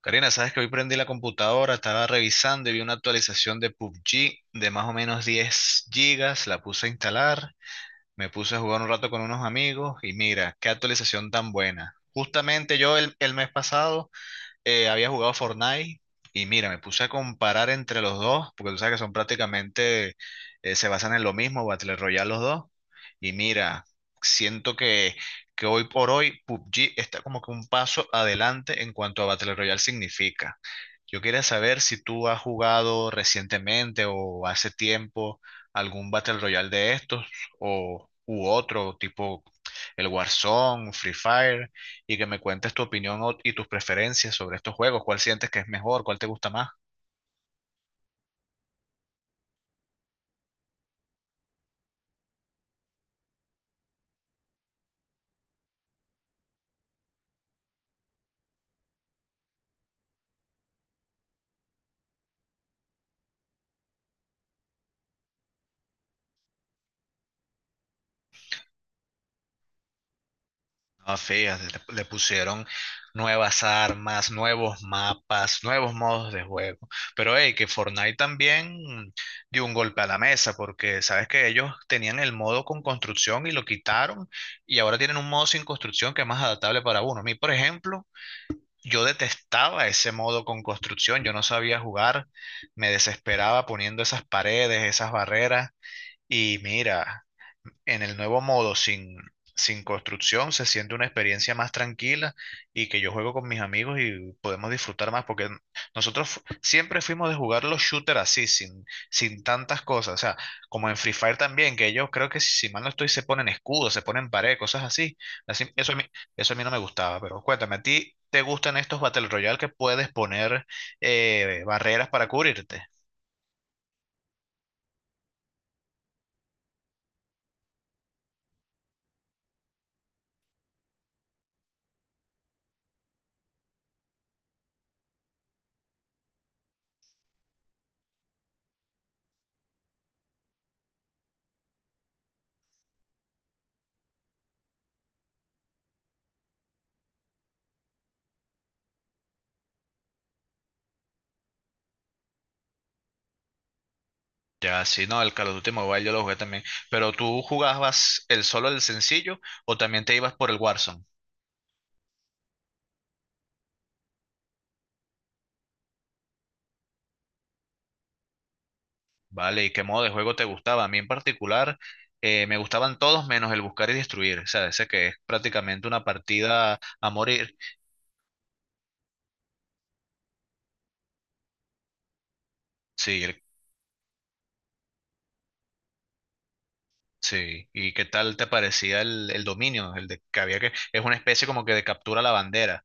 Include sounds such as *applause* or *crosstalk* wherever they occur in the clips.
Karina, sabes que hoy prendí la computadora, estaba revisando y vi una actualización de PUBG de más o menos 10 gigas, la puse a instalar, me puse a jugar un rato con unos amigos y mira, qué actualización tan buena. Justamente yo el mes pasado había jugado Fortnite y mira, me puse a comparar entre los dos, porque tú sabes que son prácticamente, se basan en lo mismo, Battle Royale los dos. Y mira, siento que hoy por hoy PUBG está como que un paso adelante en cuanto a Battle Royale significa. Yo quería saber si tú has jugado recientemente o hace tiempo algún Battle Royale de estos o u otro tipo el Warzone, Free Fire y que me cuentes tu opinión y tus preferencias sobre estos juegos. ¿Cuál sientes que es mejor? ¿Cuál te gusta más? Ah, fíjate, le pusieron nuevas armas, nuevos mapas, nuevos modos de juego. Pero hey, que Fortnite también dio un golpe a la mesa, porque sabes que ellos tenían el modo con construcción y lo quitaron, y ahora tienen un modo sin construcción que es más adaptable para uno. A mí, por ejemplo, yo detestaba ese modo con construcción, yo no sabía jugar, me desesperaba poniendo esas paredes, esas barreras. Y mira, en el nuevo modo sin construcción se siente una experiencia más tranquila y que yo juego con mis amigos y podemos disfrutar más porque nosotros siempre fuimos de jugar los shooters así, sin tantas cosas. O sea, como en Free Fire también, que ellos creo que si mal no estoy se ponen escudos, se ponen pared, cosas así. Así- eso a mí, eso a mí no me gustaba, pero cuéntame, ¿a ti te gustan estos Battle Royale que puedes poner barreras para cubrirte? Ya, sí, no, el Call of Duty Mobile yo lo jugué también. Pero tú jugabas el solo, el sencillo, o también te ibas por el Warzone, ¿vale? ¿Y qué modo de juego te gustaba? A mí en particular me gustaban todos menos el buscar y destruir. O sea, ese que es prácticamente una partida a morir. Sí, sí. ¿Y qué tal te parecía el dominio? El de que había que. Es una especie como que de captura la bandera.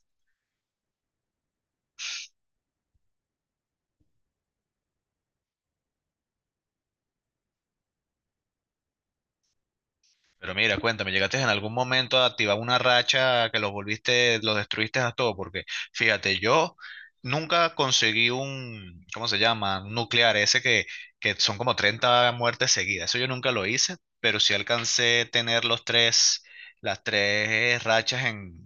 Pero mira, cuéntame, ¿llegaste en algún momento a activar una racha que los volviste, los destruiste a todos? Porque fíjate, yo nunca conseguí un, ¿cómo se llama? Un nuclear, ese que son como 30 muertes seguidas. Eso yo nunca lo hice, pero sí alcancé a tener los tres, las tres rachas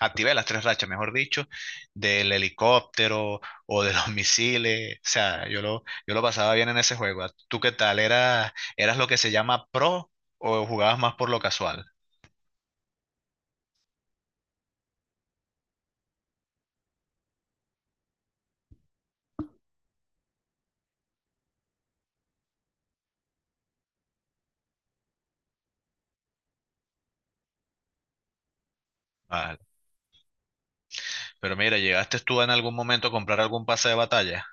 activé las tres rachas, mejor dicho, del helicóptero o de los *laughs* misiles. O sea, yo lo pasaba bien en ese juego. ¿Tú qué tal? ¿Eras lo que se llama pro o jugabas más por lo casual? Vale. Pero mira, ¿llegaste tú en algún momento a comprar algún pase de batalla?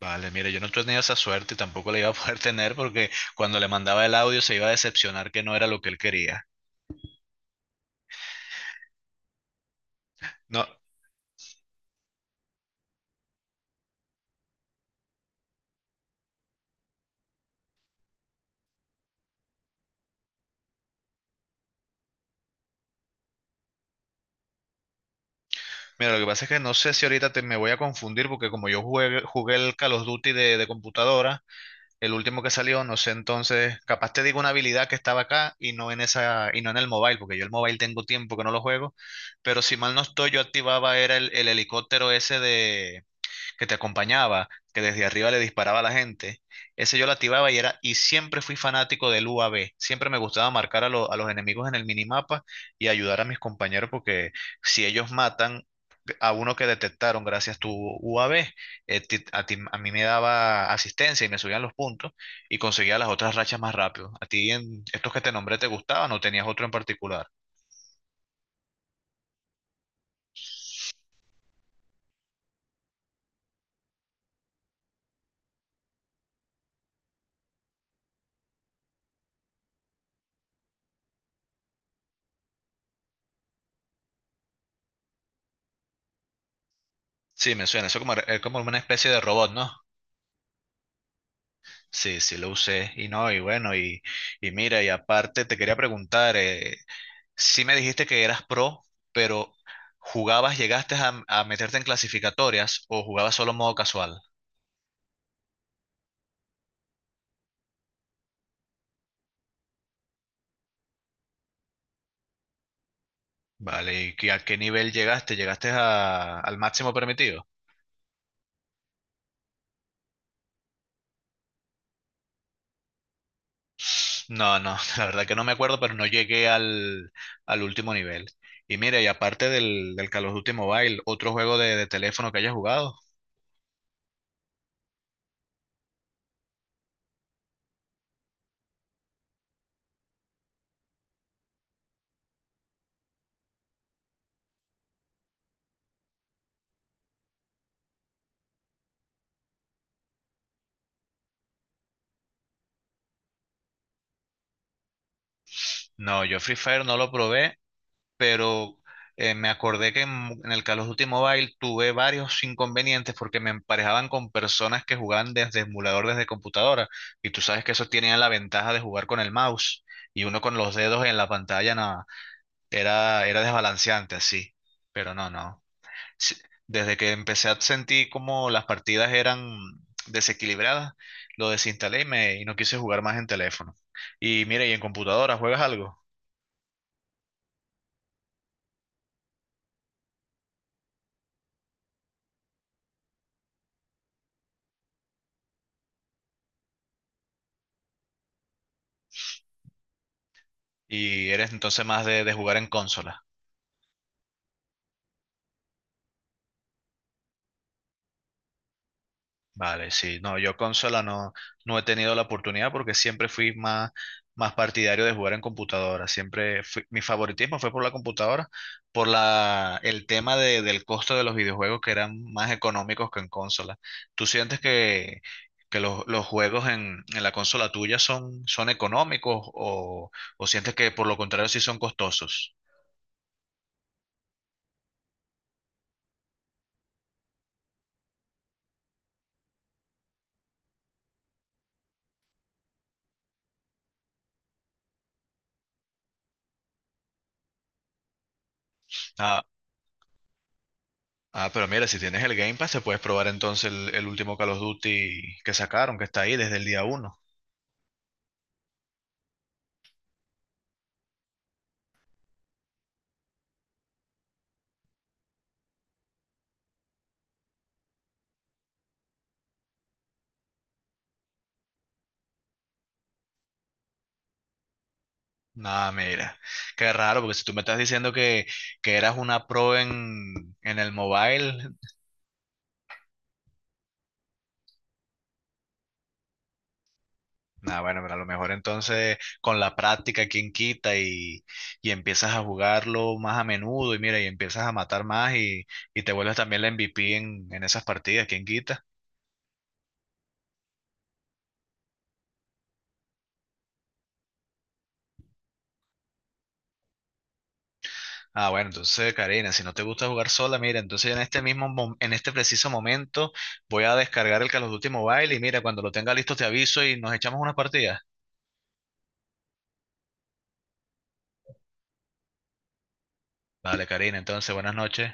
Vale, mira, yo no tenía esa suerte y tampoco la iba a poder *laughs* tener porque cuando le mandaba el audio se iba a decepcionar que no era lo que él quería. No, mira, lo que pasa es que no sé si ahorita te, me voy a confundir porque como yo jugué, jugué el Call of Duty de computadora. El último que salió, no sé, entonces, capaz te digo una habilidad que estaba acá y no en esa, y no en el mobile, porque yo el mobile tengo tiempo que no lo juego, pero si mal no estoy, yo activaba era el helicóptero ese de que te acompañaba, que desde arriba le disparaba a la gente. Ese yo lo activaba y era, y siempre fui fanático del U A V. Siempre me gustaba marcar a, lo- a los enemigos en el minimapa y ayudar a mis compañeros porque si ellos matan, a uno que detectaron gracias a tu UAB, a mí me daba asistencia y me subían los puntos y conseguía las otras rachas más rápido. ¿A ti en estos que te nombré te gustaban o tenías otro en particular? Sí, me suena, eso como, es como una especie de robot, ¿no? Sí, sí, lo usé y no, y bueno, y mira, y aparte te quería preguntar, sí me dijiste que eras pro, pero ¿jugabas, llegaste a meterte en clasificatorias o jugabas solo modo casual? Vale, ¿y a qué nivel llegaste? ¿Llegaste al máximo permitido? No, no, *laughs* la verdad que no me acuerdo, pero no llegué al, al último nivel. Y mira, y aparte del Call of Duty Mobile, ¿otro juego de teléfono que hayas jugado? No, yo Free Fire no lo probé, pero me acordé que en el Call of Duty Mobile tuve varios inconvenientes porque me emparejaban con personas que jugaban desde emulador, desde computadora. Y tú sabes que eso tenía la ventaja de jugar con el mouse y uno con los dedos en la pantalla, nada. Era, era desbalanceante así, pero no, no. Sí, desde que empecé a sentir como las partidas eran desequilibradas, lo desinstalé y, me, y no quise jugar más en teléfono. Y mira, ¿y en computadora juegas algo y eres entonces más de jugar en consola? Vale, sí, no, yo consola no, no he tenido la oportunidad porque siempre fui más partidario de jugar en computadora. Siempre mi favoritismo fue por la computadora, el tema del costo de los videojuegos que eran más económicos que en consola. ¿Tú sientes que los juegos en la consola tuya son económicos o sientes que por lo contrario sí son costosos? Ah, ah, pero mira, si tienes el Game Pass, te puedes probar entonces el último Call of Duty que sacaron, que está ahí desde el día uno. Nada, mira, qué raro, porque si tú me estás diciendo que eras una pro en el mobile, nada, bueno, pero a lo mejor entonces con la práctica, quien quita y empiezas a jugarlo más a menudo y mira, y, empiezas a matar más y te vuelves también la MVP en esas partidas, quien quita. Ah, bueno, entonces, Karina, si no te gusta jugar sola, mira, entonces en este mismo, en este preciso momento voy a descargar el Call of Duty Mobile y mira, cuando lo tenga listo te aviso y nos echamos unas partidas. Vale, Karina, entonces, buenas noches.